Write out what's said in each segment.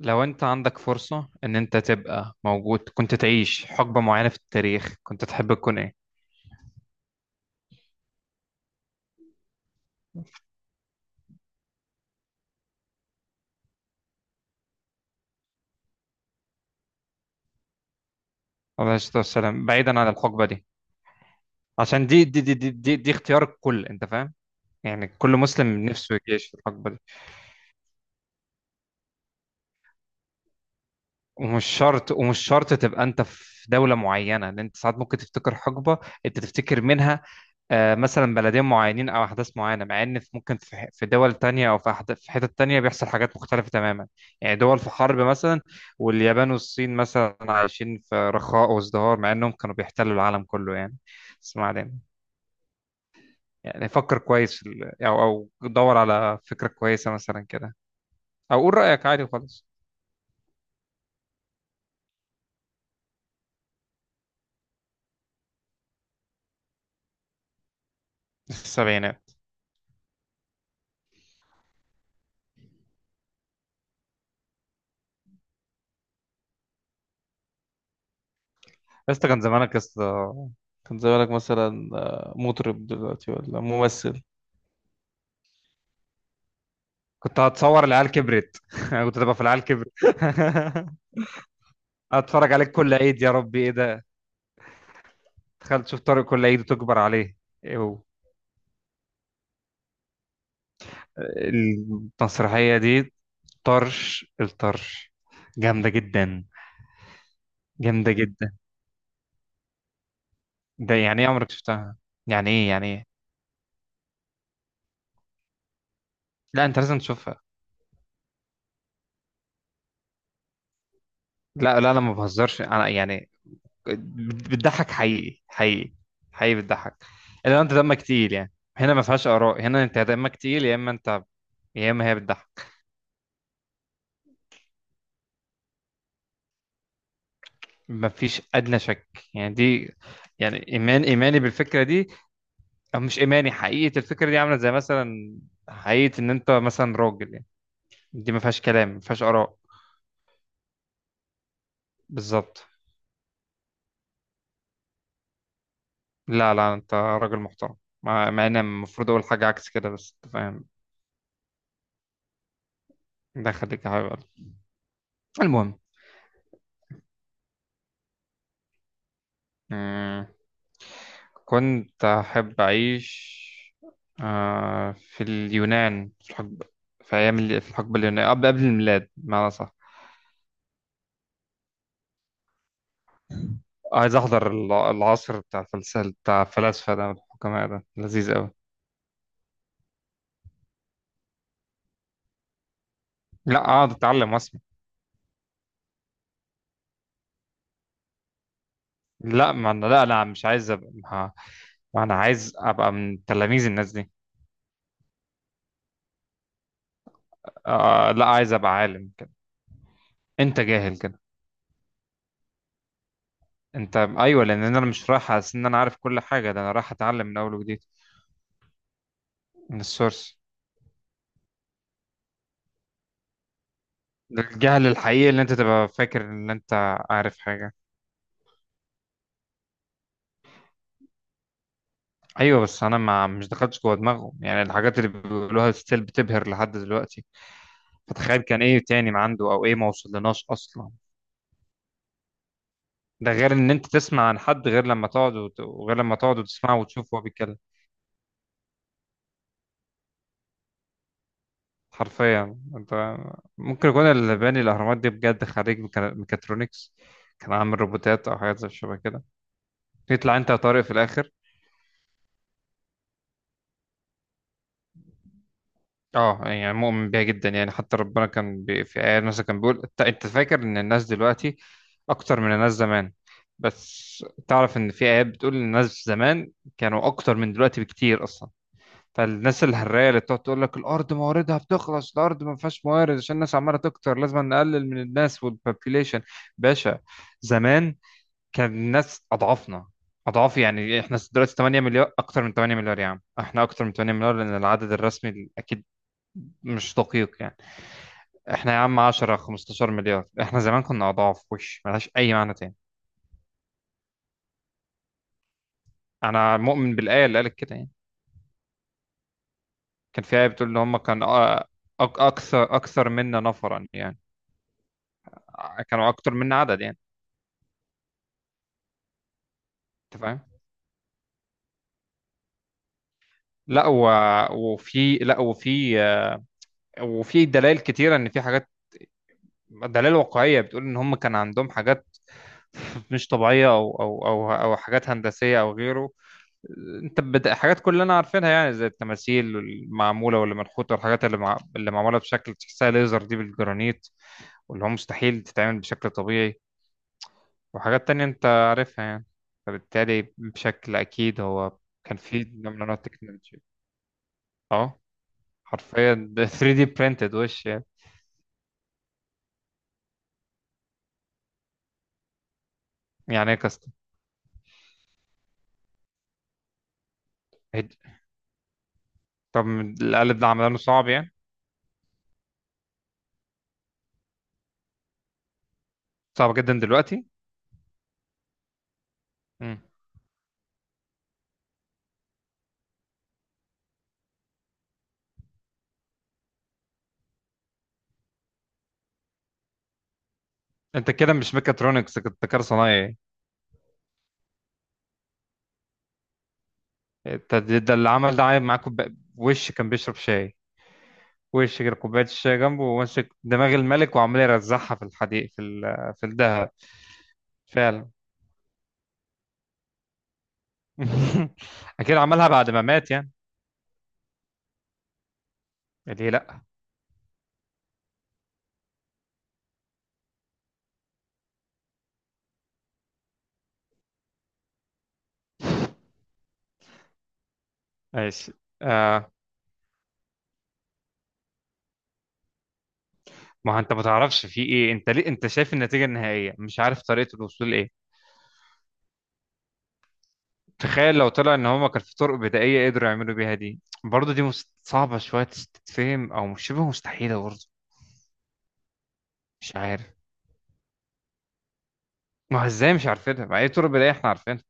لو انت عندك فرصة ان انت تبقى موجود كنت تعيش حقبة معينة في التاريخ، كنت تحب تكون ايه؟ عليه الصلاة والسلام. بعيدا عن الحقبة دي، عشان دي اختيار الكل، انت فاهم؟ يعني كل مسلم نفسه يعيش في الحقبة دي. ومش شرط تبقى انت في دولة معينة، لان انت ساعات ممكن تفتكر حقبة انت تفتكر منها. آه، مثلا بلدين معينين او احداث معينة، مع ان ممكن في دول تانية، او في حتت تانية بيحصل حاجات مختلفة تماما. يعني دول في حرب مثلا، واليابان والصين مثلا عايشين في رخاء وازدهار، مع انهم كانوا بيحتلوا العالم كله يعني. بس ما علينا. يعني فكر كويس في ال- او او دور على فكرة كويسة مثلا كده، او قول رأيك عادي وخلاص. السبعينات؟ يا اسطى كان زمانك، يا اسطى كان زمانك. مثلا آه، مطرب دلوقتي ولا ممثل؟ كنت هتصور العيال كبرت كنت هتبقى في العيال كبرت هتفرج عليك كل عيد، يا ربي ايه ده! تخيل تشوف طارق كل عيد وتكبر عليه، ايه هو! المسرحية دي طرش الطرش، جامدة جدا، جامدة جدا. ده يعني ايه عمرك شفتها؟ يعني ايه يعني ايه! لا انت لازم تشوفها. لا لا، انا ما بهزرش، انا يعني بتضحك حقيقي، حقيقي، حقيقي بتضحك. الا لو انت دمك تقيل، يعني هنا ما فيهاش اراء، هنا انت دمك تقيل يا اما انت، يا اما هي بتضحك. ما فيش ادنى شك. يعني دي، يعني ايمان، ايماني بالفكره دي، او مش ايماني، حقيقه الفكره دي عامله زي مثلا حقيقه ان انت مثلا راجل يعني. دي ما فيهاش كلام، ما فيهاش اراء، بالظبط. لا لا، انت راجل محترم، مع ان المفروض اقول حاجه عكس كده، بس انت فاهم. ده خليك حبيب قلبي. المهم. مم. كنت أحب أعيش آه، في اليونان، في الحقبة، في الحقبة اليونانية، قبل الميلاد بمعنى صح. عايز أحضر العصر بتاع الفلسفة، بتاع الفلاسفة ده والحكماء، ده لذيذ أوي. لا أقعد أتعلم وأسمع. لا ما أنا لا أنا مش عايز أبقى ما ما أنا عايز أبقى من تلاميذ الناس دي. آه لا، عايز أبقى عالم كده. أنت جاهل كده. أنت أيوه، لأن أنا مش رايح أحس إن أنا عارف كل حاجة، ده أنا رايح أتعلم من أول وجديد، من السورس. الجهل الحقيقي اللي انت تبقى فاكر ان انت عارف حاجة. ايوه بس انا ما مش دخلتش جوه دماغه، يعني الحاجات اللي بيقولوها ستيل بتبهر لحد دلوقتي، فتخيل كان ايه تاني ما عنده او ايه ما وصلناش اصلا. ده غير ان انت تسمع عن حد، غير لما تقعد وغير لما تقعد وتسمعه وتشوفه وهو بيتكلم. حرفيا انت، ممكن يكون اللي باني الاهرامات دي بجد خريج ميكاترونكس، كان عامل روبوتات او حاجات زي شبه كده. يطلع انت يا طارق في الاخر. اه يعني مؤمن بيها جدا، يعني حتى ربنا كان بي في آيات مثلا كان بيقول، انت أنت فاكر ان الناس دلوقتي اكتر من الناس زمان، بس تعرف ان في آيات بتقول ان الناس زمان كانوا اكتر من دلوقتي بكتير اصلا. فالناس الهراية اللي بتقعد تقول لك الارض مواردها بتخلص، الارض ما فيهاش موارد عشان الناس عمالة تكتر، لازم نقلل من الناس والبوبيليشن، باشا زمان كان الناس اضعافنا، اضعاف. يعني احنا دلوقتي 8 مليار، اكتر من 8 مليار، يا عم احنا اكتر من 8 مليار، لان العدد الرسمي اكيد مش دقيق يعني. احنا يا عم 10 15 مليار، احنا زمان كنا اضعاف، وش ملهاش اي معنى تاني. انا مؤمن بالايه اللي قالت كده يعني. كان في ايه بتقول ان هم كان اكثر اكثر منا نفرا يعني، كانوا اكتر منا عدد يعني، انت فاهم. لا و... وفي لا وفي وفي دلائل كتيره ان في حاجات، دلائل واقعيه بتقول ان هم كان عندهم حاجات مش طبيعيه، او حاجات هندسيه او غيره. حاجات كلنا عارفينها يعني، زي التماثيل المعموله واللي منحوته، والحاجات اللي معموله بشكل تحسها ليزر دي بالجرانيت، واللي هو مستحيل تتعمل بشكل طبيعي، وحاجات تانية انت عارفها يعني. فبالتالي بشكل اكيد هو كان في نوع من انواع التكنولوجيا. اه، حرفيا ده 3D printed وش يعني. يعني ايه كاستم. طب القالب ده عملانه صعب يعني، صعب جدا دلوقتي. مم. انت كده مش ميكاترونكس، كنت كده صنايعي. انت ده اللي عمل ده عامل معاكم وش كان بيشرب شاي، وش كده كوباية الشاي جنبه وماسك دماغ الملك وعمال يرزعها في الحديد في الدهب. فعلا. أكيد عملها بعد ما مات يعني. ليه لأ. ماشي. آه، ما هو أنت ما تعرفش في إيه، أنت ليه أنت شايف النتيجة النهائية، مش عارف طريقة الوصول لإيه. تخيل لو طلع إن هما كان في طرق بدائية قدروا يعملوا بيها دي برضه، صعبة شوية تتفهم، أو مش شبه مستحيلة برضه. مش عارف. ما هو إزاي مش عارفينها، ما أي طرق بدائية إحنا عارفينها.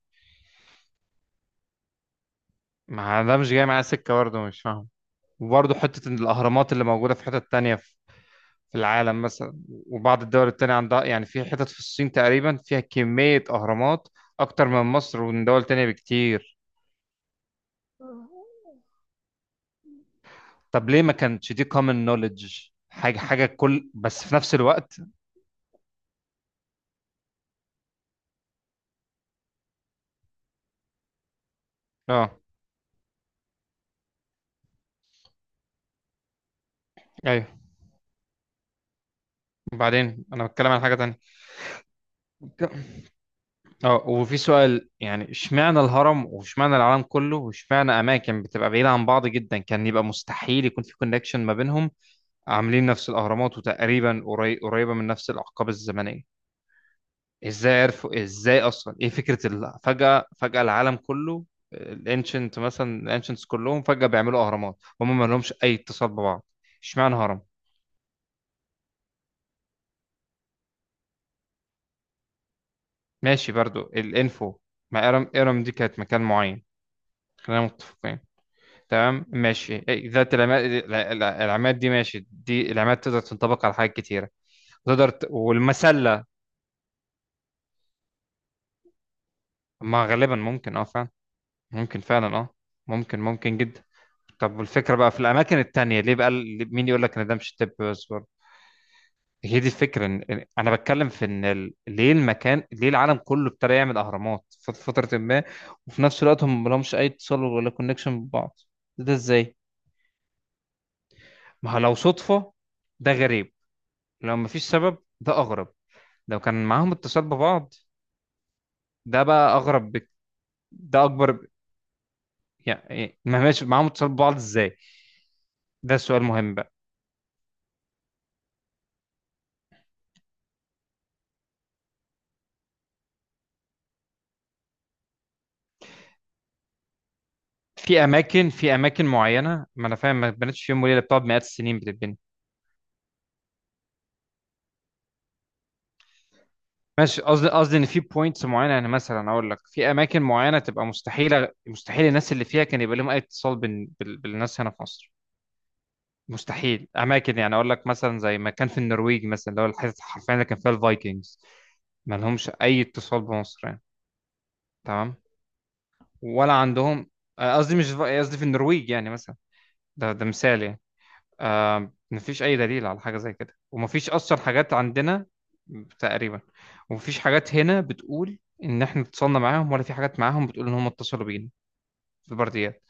ما ده مش جاي معايا سكة برضه، مش فاهم. وبرضه حتة إن الأهرامات اللي موجودة في حتت تانية في في العالم مثلا، وبعض الدول التانية عندها، يعني في حتت في الصين تقريبا فيها كمية أهرامات أكتر من مصر ومن دول تانية بكتير. طب ليه ما كانتش دي common knowledge، حاجة حاجة كل بس في نفس الوقت. اه. ايوه وبعدين انا بتكلم عن حاجة تانية. اه، وفي سؤال يعني، اشمعنى الهرم، واشمعنى العالم كله، واشمعنى اماكن بتبقى بعيدة عن بعض جدا كان يبقى مستحيل يكون في كونكشن ما بينهم، عاملين نفس الأهرامات، وتقريبا قريبة من نفس الأحقاب الزمنية. إزاي عرفوا، إزاي أصلا، إيه فكرة فجأة العالم كله، الانشنت مثلا، الانشنتس كلهم فجأة بيعملوا أهرامات، هم ما لهمش أي اتصال ببعض. اشمعنى هرم. ماشي برضو الإنفو. ما إرم دي كانت مكان معين، خلينا متفقين، تمام ماشي. إيه، ذات العماد، العماد دي ماشي، دي العماد تقدر تنطبق على حاجات كتيرة. والمسلة. ما غالبا ممكن اه فعلا، ممكن فعلا اه، ممكن جدا. طب والفكرة بقى في الأماكن التانية، ليه بقى مين يقول لك إن ده مش طب بس برضه. هي دي الفكرة، أنا بتكلم في إن ليه المكان، ليه العالم كله ابتدى يعمل أهرامات في فترة ما، وفي نفس الوقت هم ملهمش أي اتصال ولا كونكشن ببعض، ده إزاي؟ ما هو لو صدفة ده غريب، لو مفيش سبب ده أغرب، لو كان معاهم اتصال ببعض ده بقى أغرب ده أكبر يعني ما ماشي، معاهم اتصال ببعض إزاي؟ ده سؤال مهم بقى. في اماكن معينه، ما انا فاهم، ما اتبنتش في يوم وليله، بتقعد مئات السنين بتتبني. ماشي، قصدي ان في بوينتس معينه، يعني مثلا اقول لك في اماكن معينه تبقى مستحيله، مستحيل الناس اللي فيها كان يبقى لهم اي اتصال بالناس هنا في مصر. مستحيل اماكن، يعني اقول لك مثلا زي ما كان في النرويج مثلا، اللي هو الحته حرفيا اللي كان فيها الفايكنجز، ما لهمش اي اتصال بمصر يعني. تمام، ولا عندهم. قصدي مش قصدي في النرويج يعني مثلا، ده ده مثال يعني. آه، مفيش أي دليل على حاجة زي كده، ومفيش أصلا حاجات عندنا. تقريبا. ومفيش حاجات هنا بتقول إن إحنا اتصلنا معاهم، ولا في حاجات معاهم بتقول إن هم اتصلوا بينا، في البرديات.